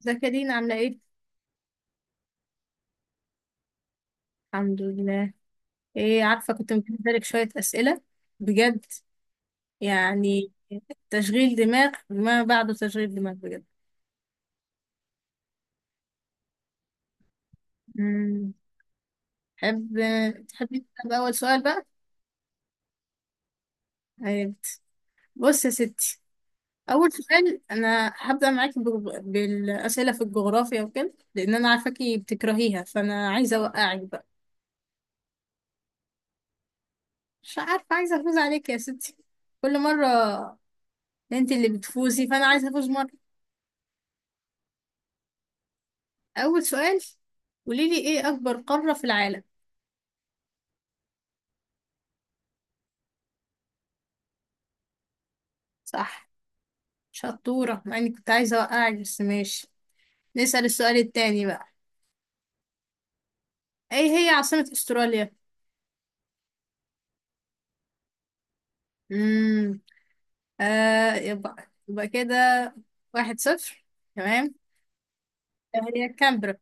ازيك يا دينا عاملة ايه؟ الحمد لله. ايه عارفة كنت مجهزة لك شوية أسئلة. بجد يعني تشغيل دماغ ما بعده تشغيل دماغ بجد. مم. تحب تحبي نبدأ بأول سؤال بقى؟ طيب. بص يا ستي، أول سؤال أنا هبدأ معاكي بالأسئلة في الجغرافيا وكده، لأن أنا عارفاكي بتكرهيها فأنا عايزة أوقعك بقى. مش عارفة، عايزة أفوز عليك يا ستي كل مرة. انت اللي بتفوزي فأنا عايزة أفوز. أول سؤال، قوليلي إيه أكبر قارة في العالم؟ صح، شطورة، مع إني كنت عايزة أوقعك بس ماشي. نسأل السؤال التاني بقى. إيه هي عاصمة أستراليا؟ مم. يبقى كده، 1-0، تمام. إيه هي كامبرا.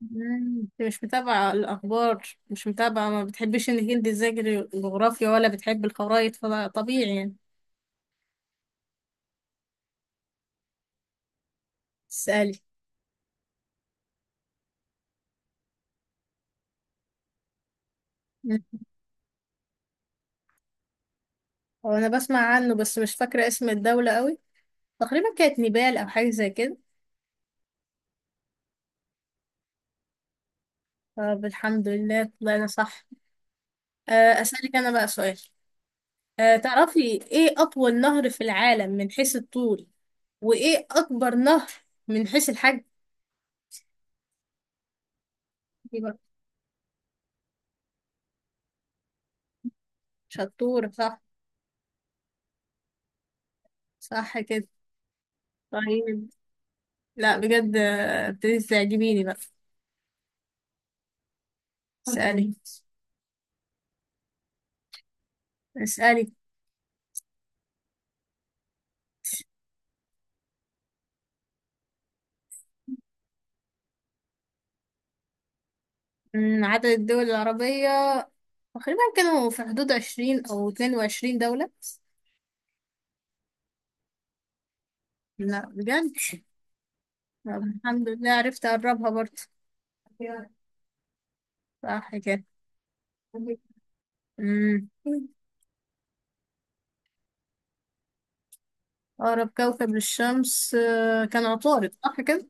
انت مش متابعة الأخبار، مش متابعة، ما بتحبش إنك انت تذاكري الجغرافيا ولا بتحب الخرايط، فطبيعي يعني. تسألي. مم. هو أنا بسمع عنه بس مش فاكرة اسم الدولة قوي. تقريبا كانت نيبال أو حاجة زي كده. طب الحمد لله طلعنا صح. أسألك أنا بقى سؤال. تعرفي إيه أطول نهر في العالم من حيث الطول، وإيه أكبر نهر من حيث الحجم؟ دي بقى. شطورة، صح. صح كده. طيب، لا بجد ابتديتي تعجبيني بقى. اسألي. اسألي. عدد الدول العربية تقريبا كانوا في حدود 20 أو 22 دولة. لا بجد. طب الحمد لله عرفت أقربها برضه. صح كده. مم. أقرب كوكب للشمس كان عطارد صح كده؟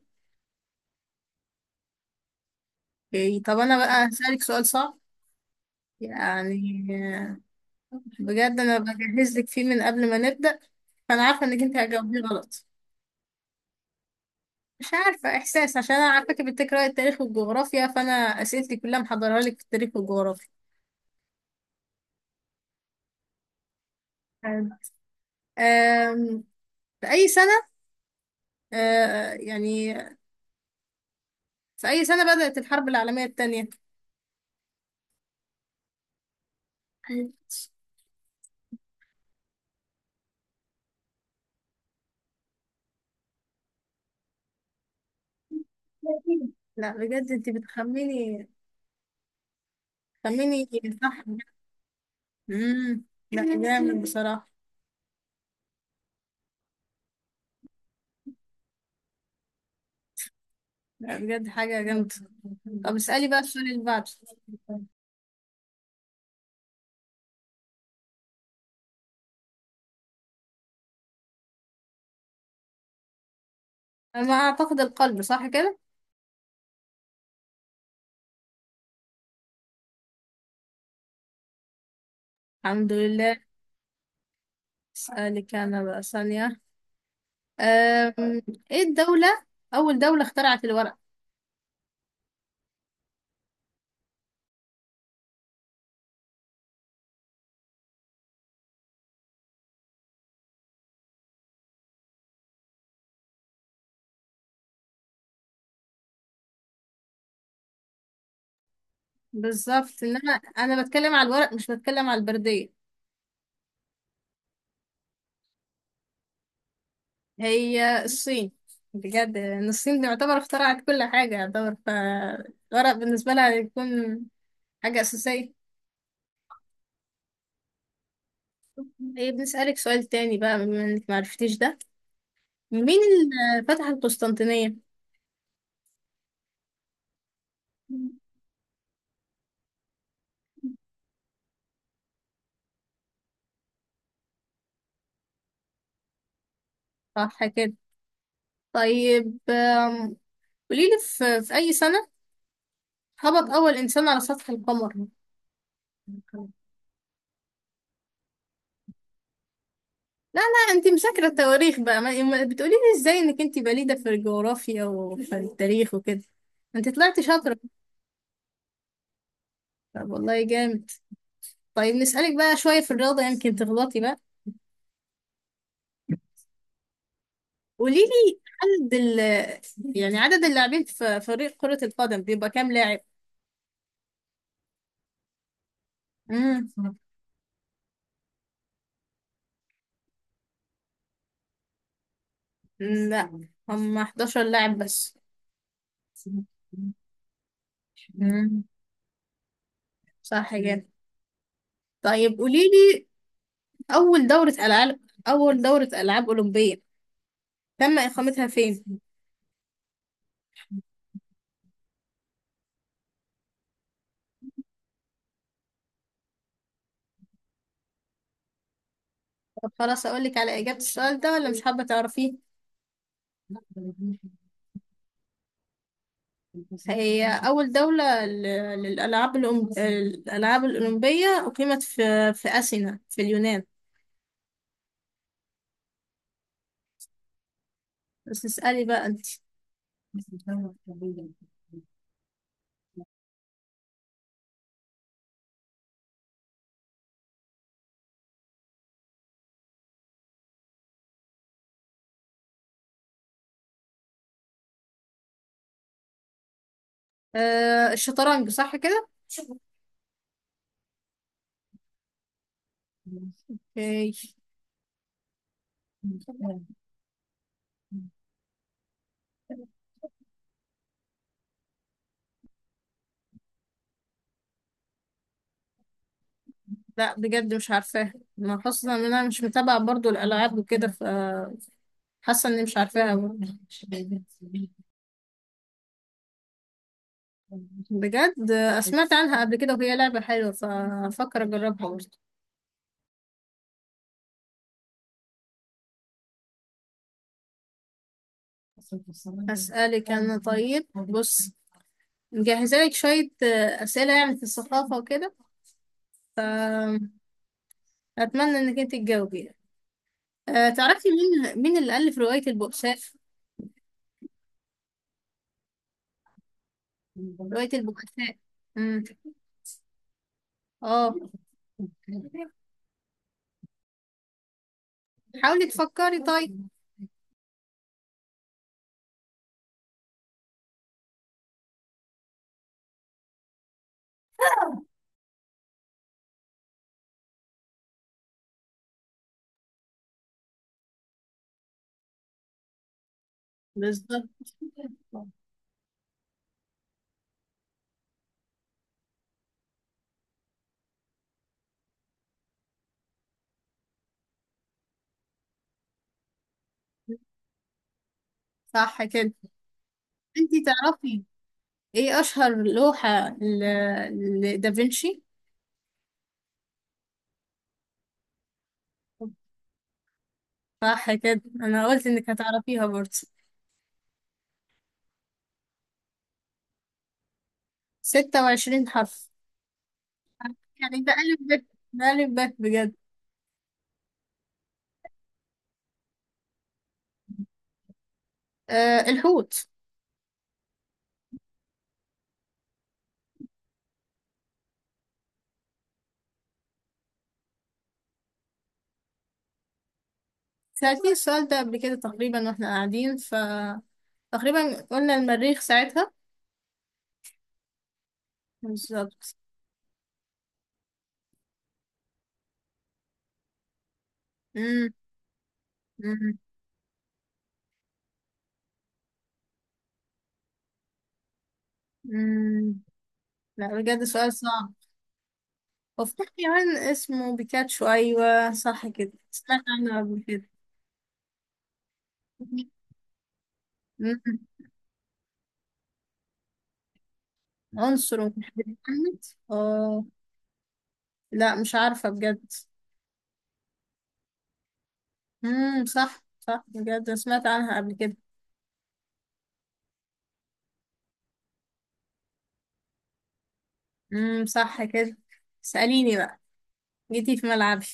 إيه، طب أنا بقى هسألك سؤال صعب يعني. آه، بجد أنا بجهز لك فيه من قبل ما نبدأ، فأنا عارفة إنك أنت هتجاوبيه غلط. مش عارفة، إحساس، عشان أنا عارفاكي بتقرأي التاريخ والجغرافيا، فأنا أسئلتي كلها محضرها لك في التاريخ والجغرافيا. حلو. آم، في أي سنة آه، يعني في أي سنة بدأت الحرب العالمية التانية؟ لا بجد أنت بتخميني. خميني. صح. امم لا، جامد بصراحة. لا بجد، حاجة جامدة. طب اسألي بقى السؤال اللي بعده. ما أعتقد القلب صح كده. الحمد لله. اسألك أنا بقى ثانية. أم... ايه الدولة أول دولة اخترعت الورق. بالظبط، إنما أنا بتكلم على الورق مش بتكلم على البردية. هي الصين. بجد إن الصين تعتبر اخترعت كل حاجة يعتبر، فالورق بالنسبة لها يكون حاجة أساسية. ايه، بنسألك سؤال تاني بقى بما إنك معرفتيش ده. مين اللي فتح القسطنطينية؟ صح كده. طيب، قوليلي في أي سنة هبط أول إنسان على سطح القمر؟ لا، لا، انت مذاكرة التواريخ بقى، ما بتقوليلي ازاي انك انت بليدة في الجغرافيا وفي التاريخ وكده. انت طلعتي شاطرة. طب والله جامد. طيب نسألك بقى شوية في الرياضة، يمكن تغلطي بقى. قوليلي عدد ال يعني عدد اللاعبين في فريق كرة القدم بيبقى كام لاعب؟ امم لا، هم 11 لاعب بس. مم. صح جدا. طيب قولي لي أول دورة ألعاب أول دورة ألعاب أولمبية تم إقامتها فين؟ طب خلاص أقول لك على إجابة السؤال ده، ولا مش حابة تعرفيه؟ هي أول دولة للألعاب الألعاب الأولمبية أقيمت في أثينا في اليونان. بس اسألي بقى أنت. آه، الشطرنج صح كده؟ اوكي. لا بجد مش عارفاها، ما خاصة ان انا مش متابعة برضو الالعاب وكده، فحاسة اني مش عارفاها برضو. بجد سمعت عنها قبل كده وهي لعبة حلوة فأفكر أجربها برضه. أسألك أنا طيب. بص، مجهزة لك شوية أسئلة يعني في الثقافة وكده، فأتمنى إنك أنت تجاوبي يعني. تعرفي مين اللي ألف رواية البؤساء؟ رواية البؤساء. امم اه حاولي تفكري طيب. صح كده. انتي تعرفي ايه اشهر لوحة لدافنشي. صح كده، انا قلت انك هتعرفيها برضه. 26 حرف. يعني ده ألف ب، ده ألف ب بجد. آه، الحوت. سألتني السؤال ده قبل كده تقريبا واحنا قاعدين تقريبا قلنا المريخ ساعتها. بالظبط. مم، مم، مم. لا بجد سؤال صعب. وفي حيوان اسمه بيكاتشو، أيوة صح كده سمعت عنه قبل كده. مم. عنصر ومحدد. اه، لا مش عارفة بجد. صح، صح بجد، سمعت عنها قبل كده. صح كده. اسأليني بقى. جيتي في ملعبي.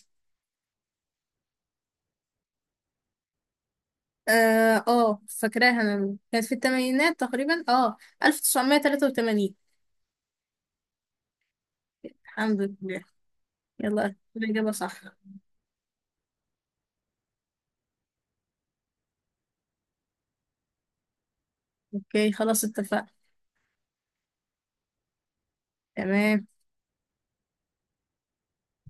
فاكراها انا كانت في الثمانينات تقريبا، 1983. الحمد لله. يلا الإجابة صح. اوكي خلاص اتفقنا. تمام